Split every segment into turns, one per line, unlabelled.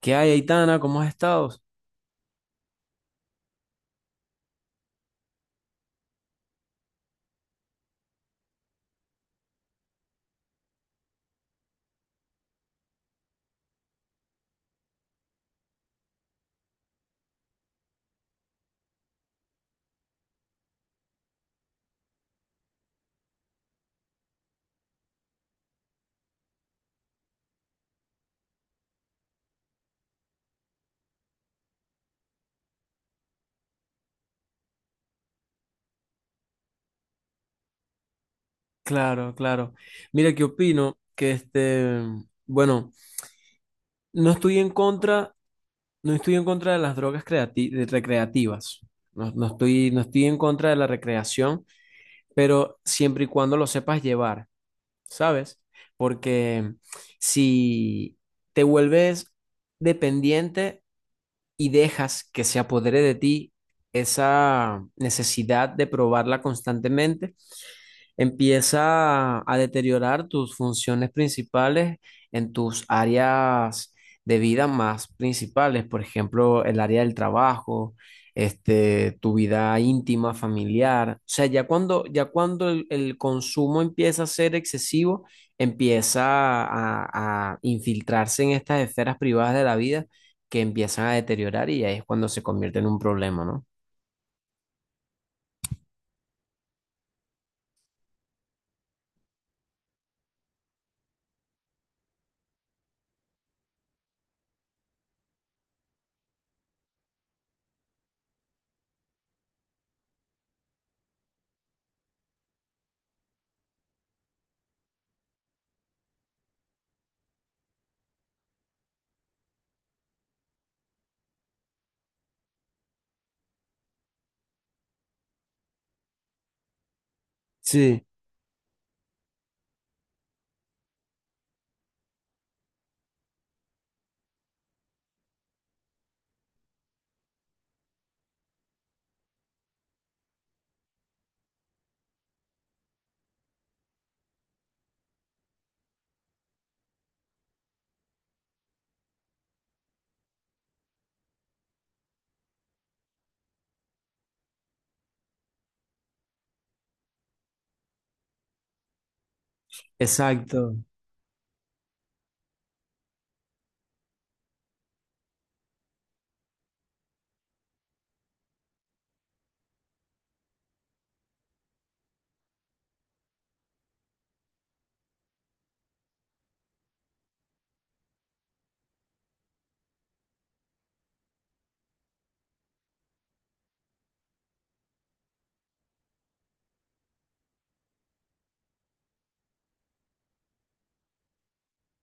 ¿Qué hay, Aitana? ¿Cómo has estado? Claro, claro. Mira, ¿qué opino? Bueno, no estoy en contra, no estoy en contra de las recreativas. No, no estoy en contra de la recreación, pero siempre y cuando lo sepas llevar, ¿sabes? Porque si te vuelves dependiente y dejas que se apodere de ti esa necesidad de probarla constantemente, empieza a deteriorar tus funciones principales en tus áreas de vida más principales. Por ejemplo, el área del trabajo, tu vida íntima, familiar. O sea, ya cuando el consumo empieza a ser excesivo, empieza a infiltrarse en estas esferas privadas de la vida que empiezan a deteriorar, y ahí es cuando se convierte en un problema, ¿no? Sí. Exacto.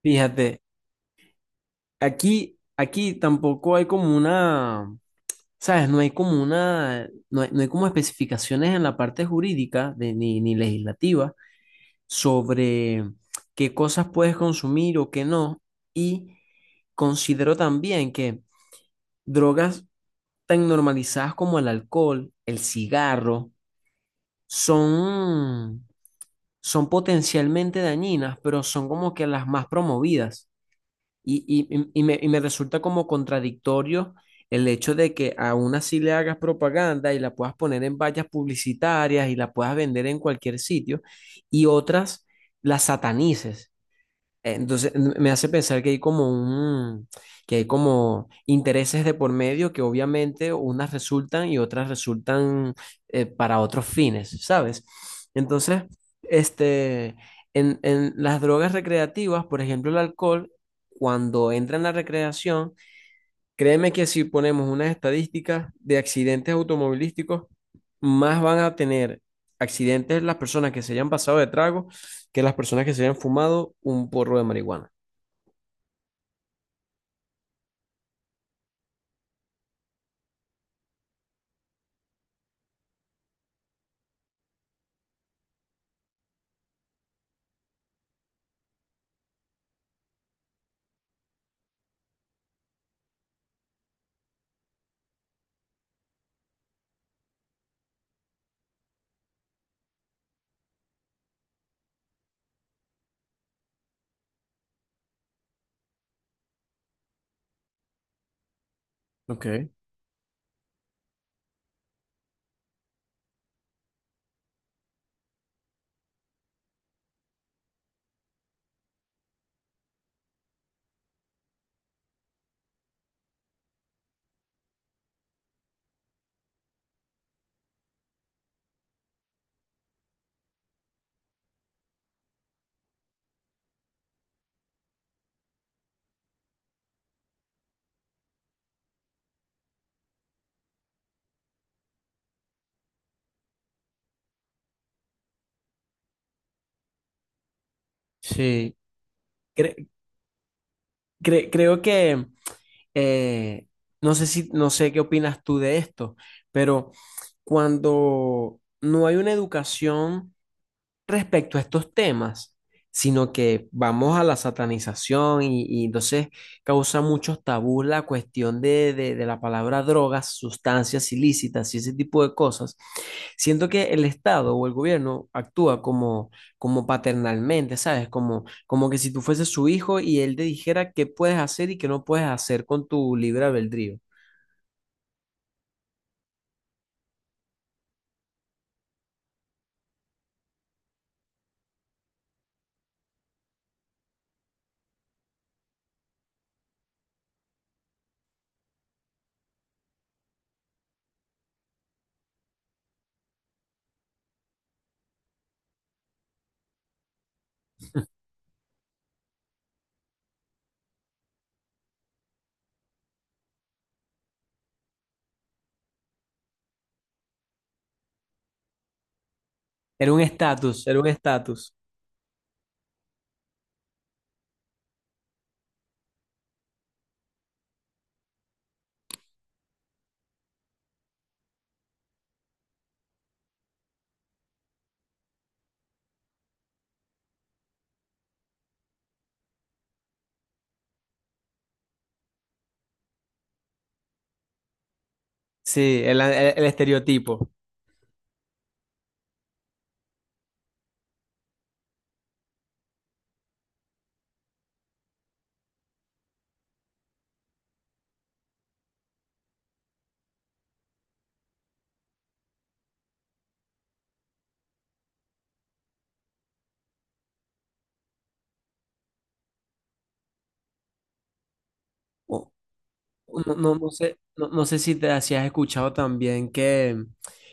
Fíjate, aquí, aquí tampoco hay como una, ¿sabes? No hay como una, no hay, no hay como especificaciones en la parte jurídica ni, ni legislativa sobre qué cosas puedes consumir o qué no. Y considero también que drogas tan normalizadas como el alcohol, el cigarro, son, son potencialmente dañinas, pero son como que las más promovidas. Y y me resulta como contradictorio el hecho de que aún así le hagas propaganda y la puedas poner en vallas publicitarias y la puedas vender en cualquier sitio y otras las satanices. Entonces me hace pensar que hay como un, que hay como intereses de por medio, que obviamente unas resultan y otras resultan, para otros fines, ¿sabes? Entonces, este, en las drogas recreativas, por ejemplo, el alcohol, cuando entra en la recreación, créeme que si ponemos unas estadísticas de accidentes automovilísticos, más van a tener accidentes las personas que se hayan pasado de trago que las personas que se hayan fumado un porro de marihuana. Ok. Sí. Cre- creo que eh, no sé si, no sé qué opinas tú de esto, pero cuando no hay una educación respecto a estos temas, sino que vamos a la satanización, y entonces causa muchos tabús la cuestión de, de la palabra drogas, sustancias ilícitas y ese tipo de cosas. Siento que el Estado o el gobierno actúa como, como paternalmente, ¿sabes? Como, como que si tú fueses su hijo y él te dijera qué puedes hacer y qué no puedes hacer con tu libre albedrío. Era un estatus, era un estatus. Sí, el estereotipo. O- No, no sé si te si has escuchado también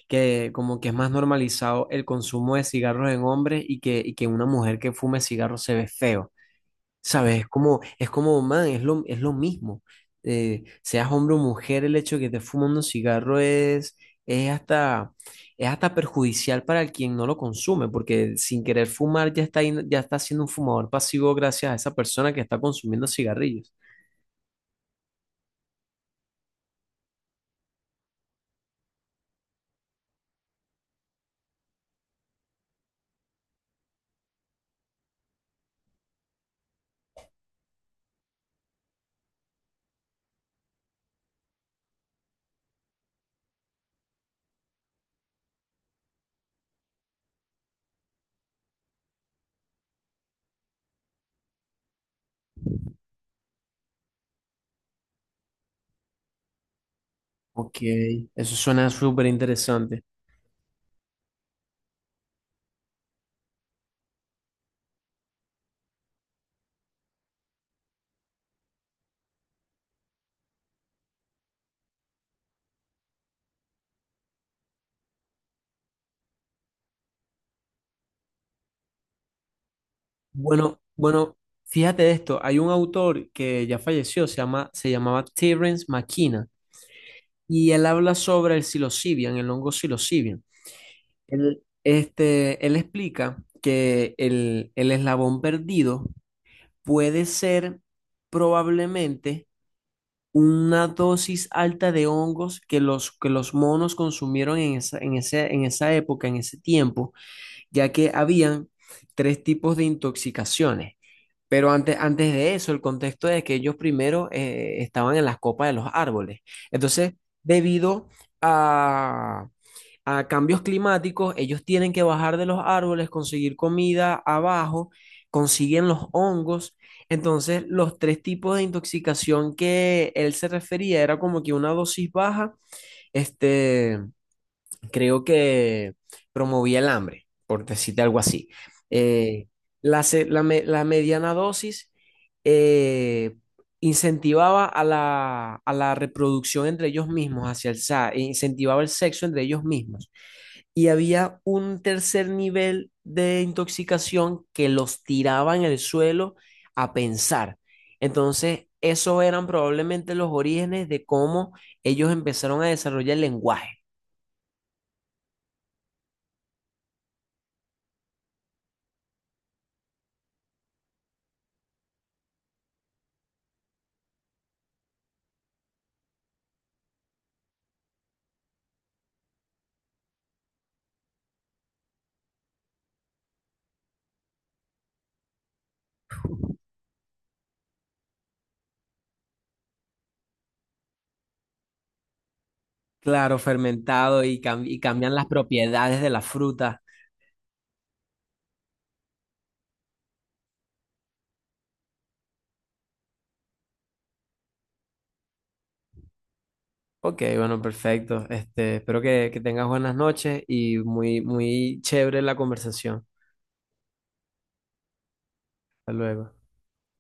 que como que es más normalizado el consumo de cigarros en hombres, y que una mujer que fume cigarros se ve feo. ¿Sabes? Es como, man, es es lo mismo. Seas hombre o mujer, el hecho de que te fumando un cigarro es hasta, es hasta perjudicial para el quien no lo consume, porque sin querer fumar ya está, ya está siendo un fumador pasivo gracias a esa persona que está consumiendo cigarrillos. Ok, eso suena súper interesante. Bueno, bueno, fíjate esto, hay un autor que ya falleció, se llamaba Terence McKenna, y él habla sobre el psilocibin, el hongo psilocibin. Él explica que el eslabón perdido puede ser probablemente una dosis alta de hongos que los monos consumieron en esa, en esa época, en ese tiempo, ya que habían tres tipos de intoxicaciones. Pero antes, antes de eso, el contexto es que ellos primero estaban en las copas de los árboles. Entonces, debido a cambios climáticos, ellos tienen que bajar de los árboles, conseguir comida abajo, consiguen los hongos. Entonces, los tres tipos de intoxicación que él se refería era como que una dosis baja, este, creo que promovía el hambre, por decirte algo así. Eh, la mediana dosis eh, incentivaba a la reproducción entre ellos mismos, e incentivaba el sexo entre ellos mismos. Y había un tercer nivel de intoxicación que los tiraba en el suelo a pensar. Entonces, esos eran probablemente los orígenes de cómo ellos empezaron a desarrollar el lenguaje. Claro, fermentado y cambian las propiedades de la fruta. Ok, bueno, perfecto. Este, espero que tengas buenas noches y muy, muy chévere la conversación. Hasta luego.